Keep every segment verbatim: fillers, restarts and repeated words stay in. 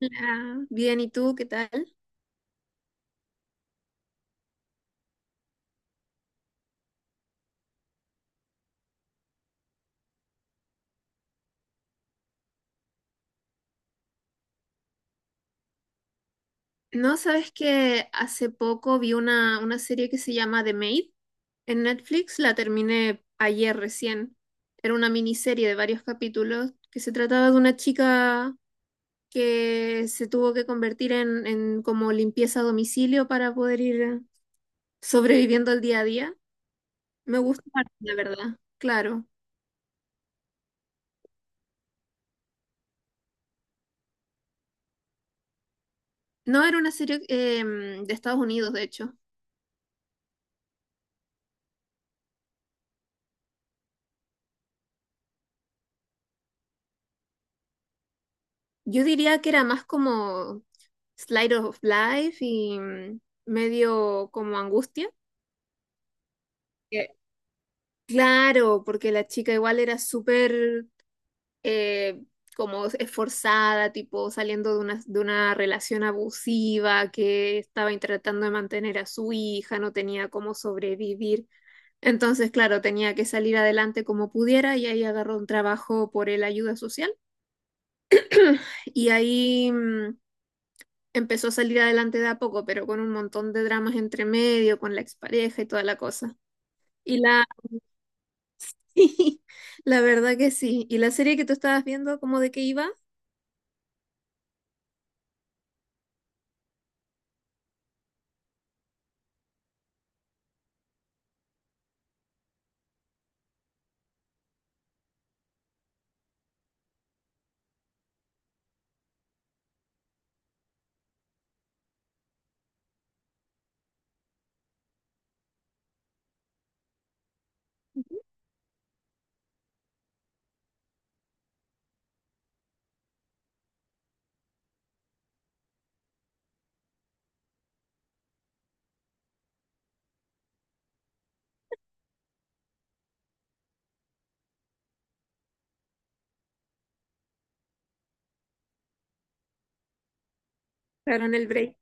Hola, bien, ¿y tú qué tal? No, sabes que hace poco vi una, una serie que se llama The Maid en Netflix, la terminé ayer recién. Era una miniserie de varios capítulos que se trataba de una chica que se tuvo que convertir en, en como limpieza a domicilio para poder ir sobreviviendo el día a día. Me gusta, la verdad, claro. No, era una serie em, de Estados Unidos, de hecho. Yo diría que era más como Slide of Life y mm, medio como angustia. Eh, Claro, porque la chica igual era súper eh, como esforzada, tipo saliendo de una, de una relación abusiva que estaba tratando de mantener a su hija, no tenía cómo sobrevivir. Entonces, claro, tenía que salir adelante como pudiera y ahí agarró un trabajo por el ayuda social. Y ahí mm, empezó a salir adelante de a poco, pero con un montón de dramas entre medio, con la expareja y toda la cosa. Y la, sí, la verdad que sí. ¿Y la serie que tú estabas viendo, cómo de qué iba? Claro, en el break.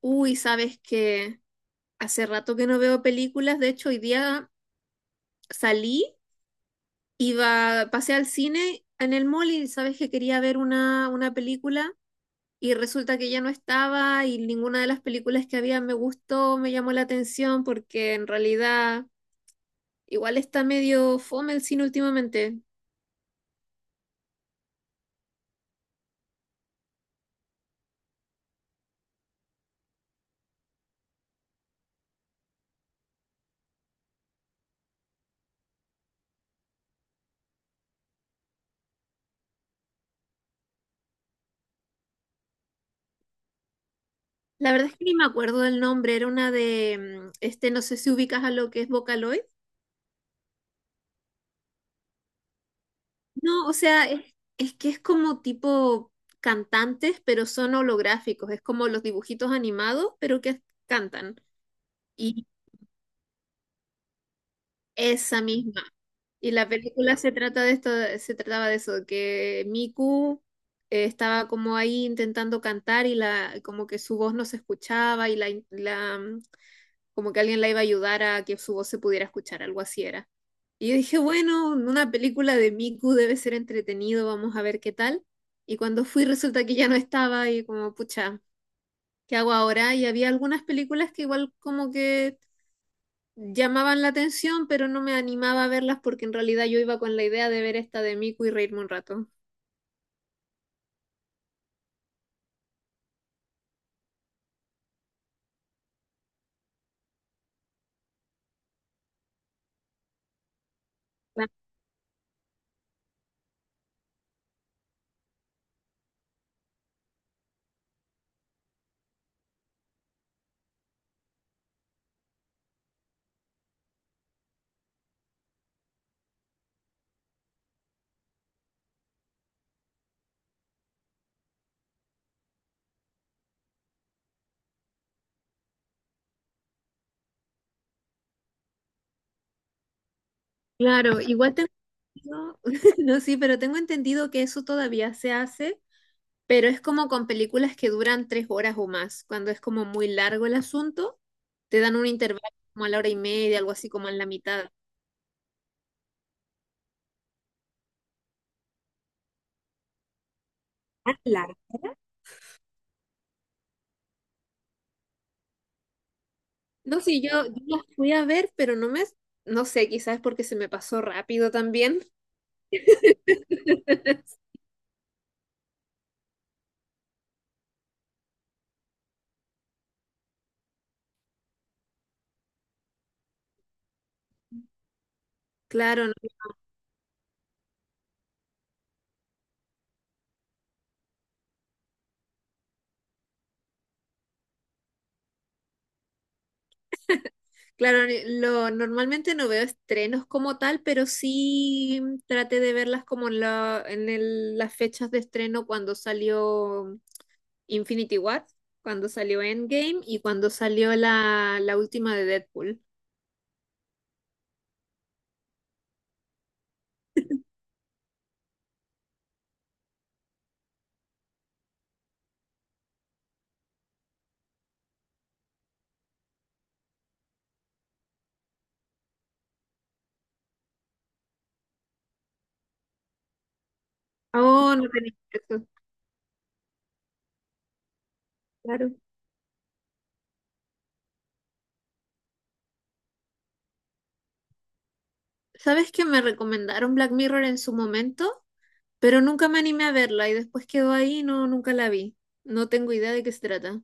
Uy, sabes que hace rato que no veo películas, de hecho hoy día salí, iba, pasé al cine en el mall y sabes que quería ver una, una película. Y resulta que ya no estaba y ninguna de las películas que había me gustó, me llamó la atención porque en realidad. Igual está medio fome el cine últimamente. La verdad es que ni me acuerdo del nombre, era una de, mm, este, no sé si ubicas a lo que es Vocaloid. No, o sea, es, es que es como tipo cantantes, pero son holográficos, es como los dibujitos animados, pero que cantan. Y esa misma. Y la película se trata de esto, se trataba de eso, que Miku eh, estaba como ahí intentando cantar y la, como que su voz no se escuchaba y la, la mm, como que alguien la iba a ayudar a que su voz se pudiera escuchar, algo así era. Y yo dije, bueno, una película de Miku debe ser entretenido, vamos a ver qué tal. Y cuando fui resulta que ya no estaba y como, pucha, ¿qué hago ahora? Y había algunas películas que igual como que llamaban la atención, pero no me animaba a verlas porque en realidad yo iba con la idea de ver esta de Miku y reírme un rato. Cla- Claro, igual tengo, no, sí, pero tengo entendido que eso todavía se hace. Pero es como con películas que duran tres horas o más. Cuando es como muy largo el asunto, te dan un intervalo como a la hora y media, algo así como en la mitad. Ah, claro. No, sí, yo, yo, las fui a ver, pero no me, no sé, quizás es porque se me pasó rápido también. Claro, no- claro, lo, normalmente no veo estrenos como tal, pero sí traté de verlas como en, la- en el- las fechas de estreno cuando salió Infinity War, cuando salió Endgame y cuando salió la, la última de Deadpool. Oh, no tenía eso, claro. ¿Sabes que me recomendaron Black Mirror en su momento? Pero nunca me animé a verla y después quedó ahí, y no, nunca la vi. No tengo idea de qué se trata.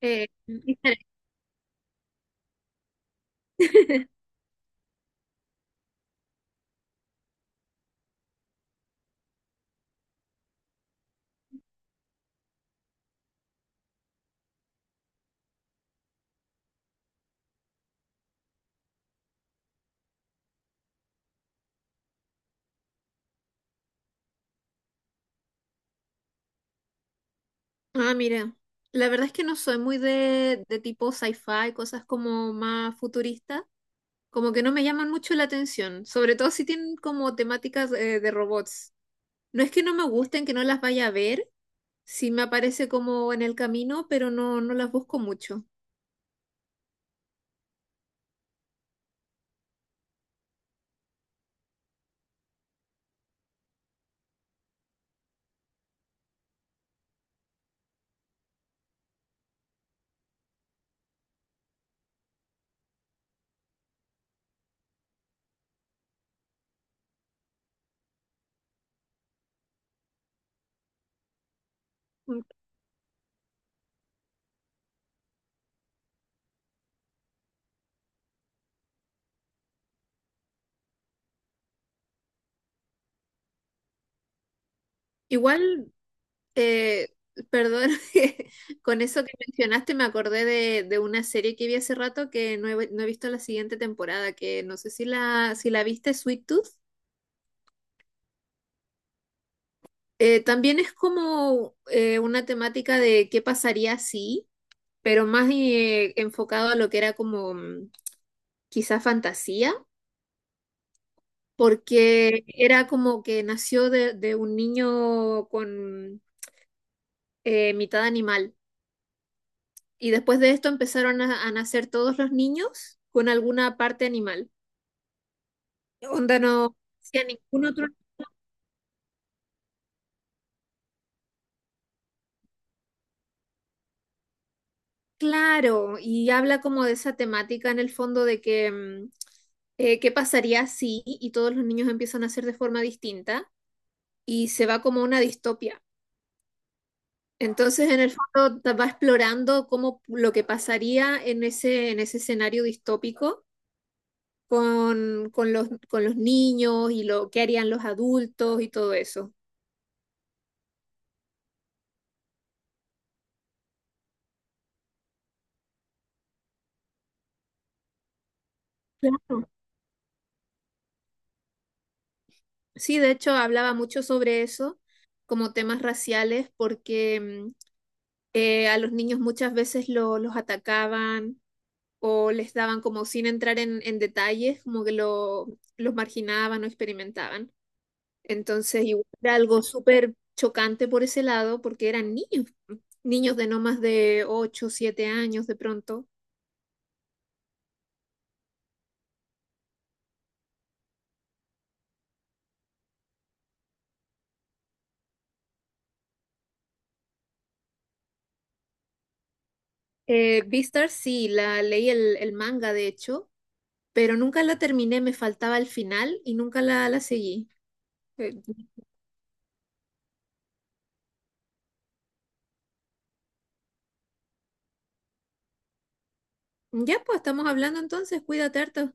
Eh, diferente. Ah, mira, la verdad es que no soy muy de, de tipo sci-fi, cosas como más futuristas, como que no me llaman mucho la atención, sobre todo si tienen como temáticas eh, de robots. No es que no me gusten, que no las vaya a ver, sí me aparece como en el camino, pero no, no las busco mucho. Mm, Igual, eh, perdón, que con eso que mencionaste me acordé de, de una serie que vi hace rato que no he, no he visto la siguiente temporada, que no sé si la, si la viste, Sweet Tooth. Eh, también es como eh, una temática de qué pasaría si, pero más eh, enfocado a lo que era como mm, quizá fantasía. Porque era como que nació de, de un niño con eh, mitad animal. Y después de esto empezaron a, a nacer todos los niños con alguna parte animal. Onda no hacía ningún otro. Claro, y habla como de esa temática en el fondo de que mm, eh, qué pasaría si y todos los niños empiezan a ser de forma distinta y se va como una distopia. Entonces, en el fondo, ta- va explorando cómo lo que pasaría en ese, en ese escenario distópico con, con los, con los niños y lo que harían los adultos y todo eso. Claro. Sí, de hecho hablaba mucho sobre eso, como temas raciales, porque mm, eh, a los niños muchas veces lo- los atacaban o les daban como sin entrar en, en detalles, como que lo, los marginaban o experimentaban. Entonces, igual era algo súper chocante por ese lado, porque eran niños, mm, niños de no más de ocho siete años de pronto. Eh, Beastars sí, la leí el, el manga de hecho, pero nunca la terminé, me faltaba el final y nunca la, la seguí. Eh, ya pues, estamos hablando entonces, cuídate harto.